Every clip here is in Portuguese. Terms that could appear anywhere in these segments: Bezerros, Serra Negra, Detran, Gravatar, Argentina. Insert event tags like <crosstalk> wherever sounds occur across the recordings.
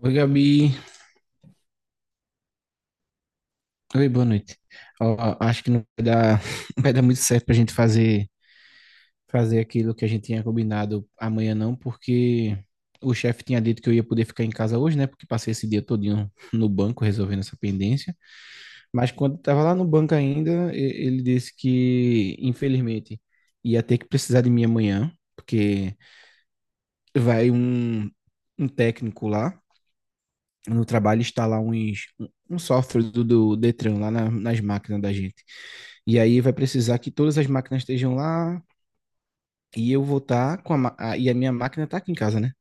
Oi, Gabi. Oi, boa noite. Ó, acho que <laughs> não vai dar muito certo pra gente fazer, aquilo que a gente tinha combinado amanhã, não, porque o chefe tinha dito que eu ia poder ficar em casa hoje, né? Porque passei esse dia todinho no banco resolvendo essa pendência. Mas quando eu tava lá no banco ainda, ele disse que, infelizmente, ia ter que precisar de mim amanhã, porque vai um técnico lá no trabalho instalar um software do Detran lá nas máquinas da gente. E aí vai precisar que todas as máquinas estejam lá e eu vou estar com a, e a minha máquina está aqui em casa, né?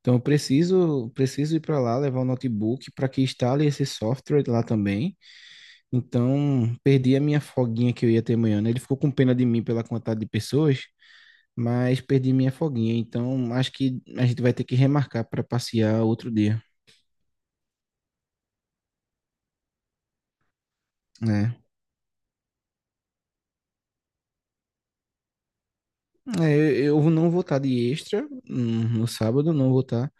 Então eu preciso ir para lá levar o notebook para que instale esse software lá também. Então perdi a minha folguinha que eu ia ter amanhã, né? Ele ficou com pena de mim pela quantidade de pessoas, mas perdi minha folguinha. Então acho que a gente vai ter que remarcar para passear outro dia, né? É, eu não vou estar de extra, no sábado, não vou estar,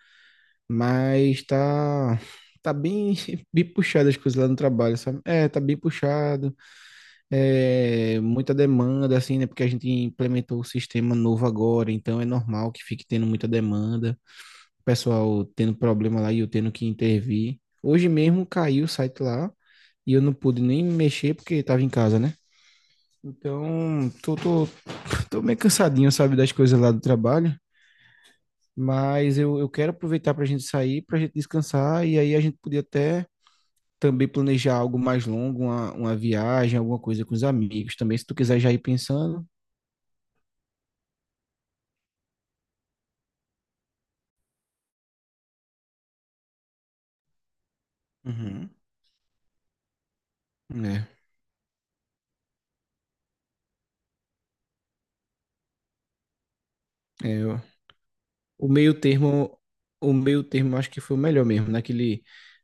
mas tá bem, <laughs> bem puxado as coisas lá no trabalho, sabe? É, tá bem puxado, é, muita demanda, assim, né? Porque a gente implementou o sistema novo agora, então é normal que fique tendo muita demanda, o pessoal tendo problema lá e eu tendo que intervir. Hoje mesmo caiu o site lá e eu não pude nem mexer porque estava em casa, né? Então, <laughs> tô meio cansadinho, sabe, das coisas lá do trabalho. Mas eu quero aproveitar para a gente sair, para a gente descansar, e aí a gente podia até também planejar algo mais longo, uma viagem, alguma coisa com os amigos também, se tu quiser já ir pensando. Uhum. Né? É, o meio termo, o meio termo eu acho que foi o melhor mesmo,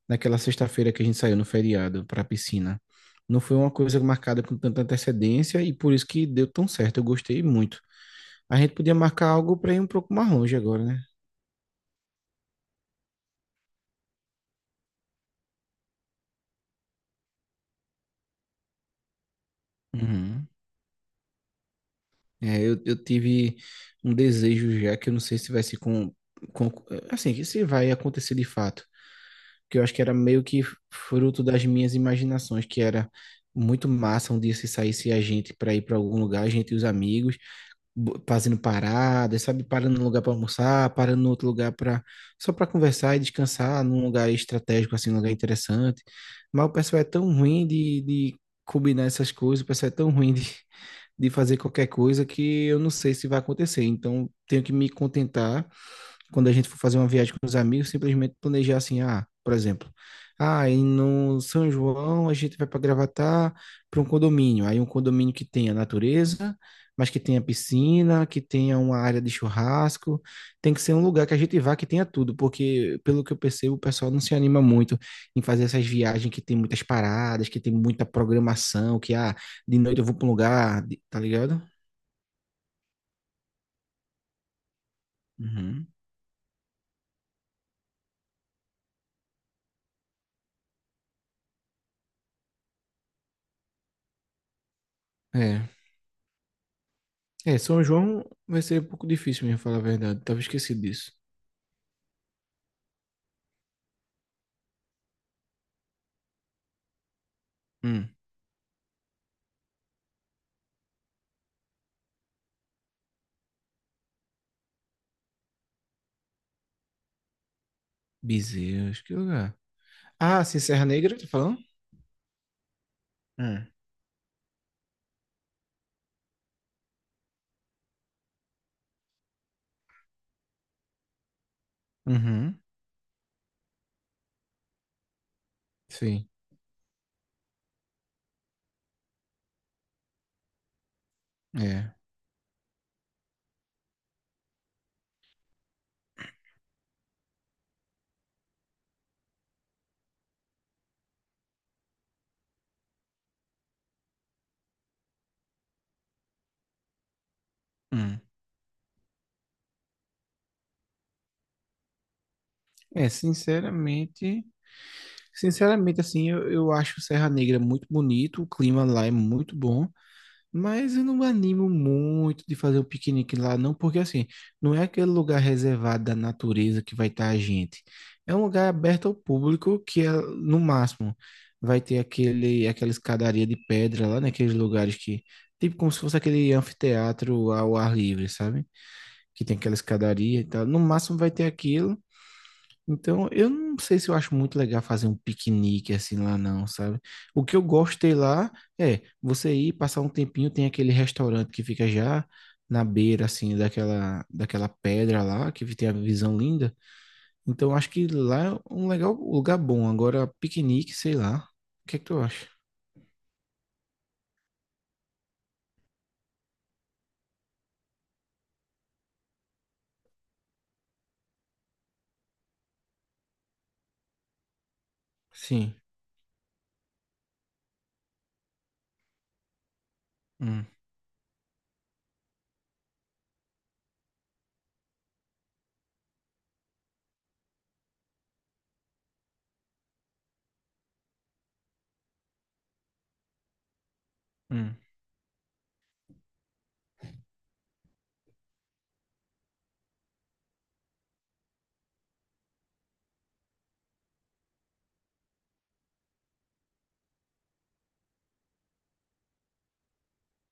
naquela sexta-feira que a gente saiu no feriado para a piscina. Não foi uma coisa marcada com tanta antecedência e por isso que deu tão certo, eu gostei muito. A gente podia marcar algo para ir um pouco mais longe agora, né? Uhum. É, eu tive um desejo já que eu não sei se vai se com assim, que se vai acontecer de fato, que eu acho que era meio que fruto das minhas imaginações, que era muito massa um dia se saísse a gente para ir para algum lugar, a gente e os amigos, fazendo paradas, sabe? Parando num lugar para almoçar, parando no outro lugar para só para conversar e descansar num lugar estratégico, assim, um lugar interessante. Mas o pessoal é tão ruim de combinar essas coisas, o pessoal é tão ruim de fazer qualquer coisa que eu não sei se vai acontecer. Então, tenho que me contentar quando a gente for fazer uma viagem com os amigos, simplesmente planejar assim, por exemplo, e no São João a gente vai para Gravatar para um condomínio. Aí um condomínio que tenha natureza, mas que tenha piscina, que tenha uma área de churrasco. Tem que ser um lugar que a gente vá que tenha tudo, porque pelo que eu percebo, o pessoal não se anima muito em fazer essas viagens que tem muitas paradas, que tem muita programação, que de noite eu vou para um lugar, tá ligado? Uhum. É. É, São João vai ser um pouco difícil mesmo, falar a verdade. Tava esquecido disso. Hum. Bezerros, que lugar. Ah, sim, Serra Negra, tá falando? Hum. Uhum. Sim. É. Hum. É, sinceramente, assim, eu acho Serra Negra muito bonito, o clima lá é muito bom. Mas eu não me animo muito de fazer um piquenique lá, não, porque assim, não é aquele lugar reservado da natureza que vai estar a gente. É um lugar aberto ao público que é, no máximo vai ter aquela escadaria de pedra lá, naqueles lugares que, tipo como se fosse aquele anfiteatro ao ar livre, sabe? Que tem aquela escadaria e tal. No máximo vai ter aquilo. Então, eu não sei se eu acho muito legal fazer um piquenique assim lá, não, sabe? O que eu gostei lá é você ir passar um tempinho, tem aquele restaurante que fica já na beira, assim, daquela pedra lá, que tem a visão linda. Então, eu acho que lá é um legal um lugar bom. Agora, piquenique, sei lá. O que é que tu acha? Sim. Hum, hum,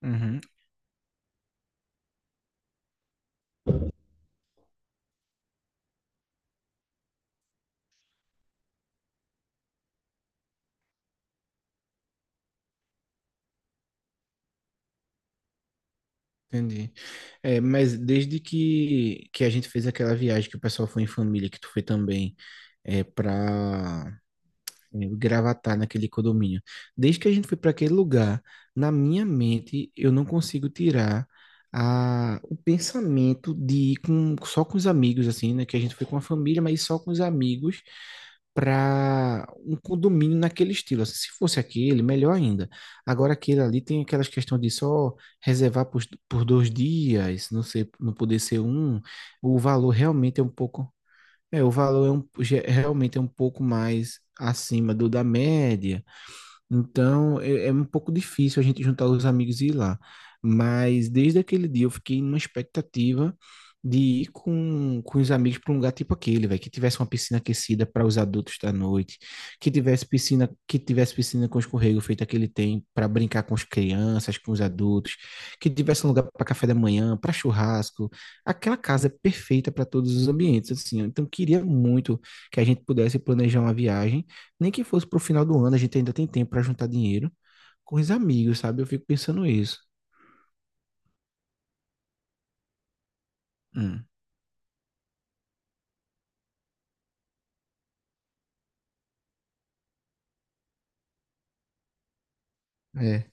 uhum, entendi. É, mas desde que a gente fez aquela viagem que o pessoal foi em família, que tu foi também, é, para o Gravatar naquele condomínio. Desde que a gente foi para aquele lugar, na minha mente, eu não consigo tirar o pensamento de ir só com os amigos, assim, né? Que a gente foi com a família, mas só com os amigos para um condomínio naquele estilo. Assim, se fosse aquele, melhor ainda. Agora, aquele ali tem aquelas questões de só reservar por 2 dias, não sei, não poder ser um. O valor realmente é um pouco. É, o valor é realmente é um pouco mais acima do da média, então, é um pouco difícil a gente juntar os amigos e ir lá. Mas desde aquele dia eu fiquei numa expectativa de ir com os amigos para um lugar tipo aquele, velho, que tivesse uma piscina aquecida para os adultos da noite, que tivesse piscina com escorrego feito aquele tem para brincar com as crianças, com os adultos, que tivesse um lugar para café da manhã, para churrasco. Aquela casa perfeita para todos os ambientes, assim. Então, queria muito que a gente pudesse planejar uma viagem nem que fosse pro final do ano, a gente ainda tem tempo pra juntar dinheiro com os amigos, sabe? Eu fico pensando isso. Hum. É.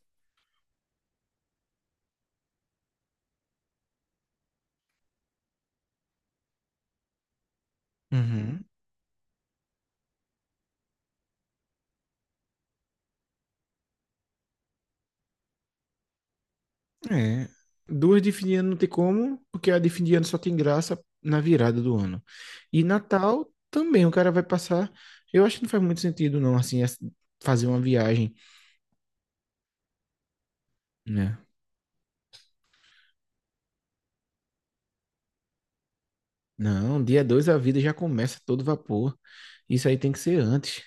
Uhum. É. Duas de fim de ano não tem como, porque a de fim de ano só tem graça na virada do ano. E Natal também, o cara vai passar. Eu acho que não faz muito sentido, não, assim, fazer uma viagem, né? Não, dia 2 a vida já começa todo vapor. Isso aí tem que ser antes.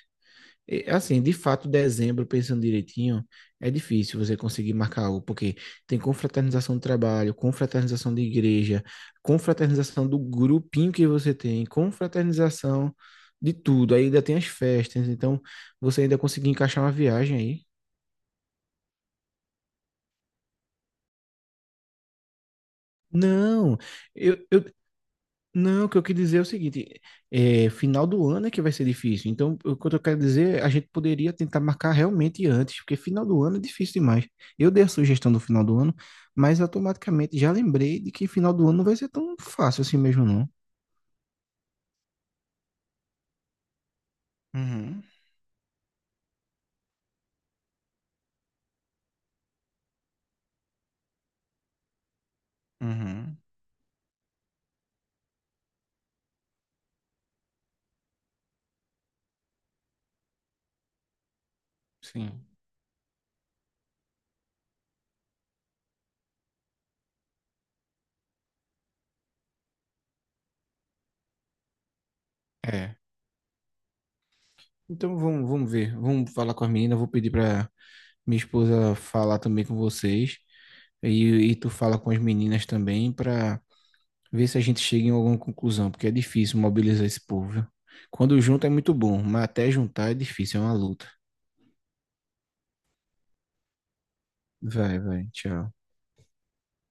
E, assim, de fato, dezembro, pensando direitinho, é difícil você conseguir marcar algo, porque tem confraternização do trabalho, confraternização de igreja, confraternização do grupinho que você tem, confraternização de tudo. Aí ainda tem as festas, então você ainda conseguir encaixar uma viagem aí. Não, eu não, o que eu quis dizer é o seguinte, é, final do ano é que vai ser difícil. Então, o que eu quero dizer, é, a gente poderia tentar marcar realmente antes, porque final do ano é difícil demais. Eu dei a sugestão do final do ano, mas automaticamente já lembrei de que final do ano não vai ser tão fácil assim mesmo, não. Uhum, uhum, sim. É. Então, vamos ver. Vamos falar com as meninas, vou pedir para minha esposa falar também com vocês. E tu fala com as meninas também para ver se a gente chega em alguma conclusão, porque é difícil mobilizar esse povo, viu? Quando junta é muito bom, mas até juntar é difícil, é uma luta. Vai, vai, tchau.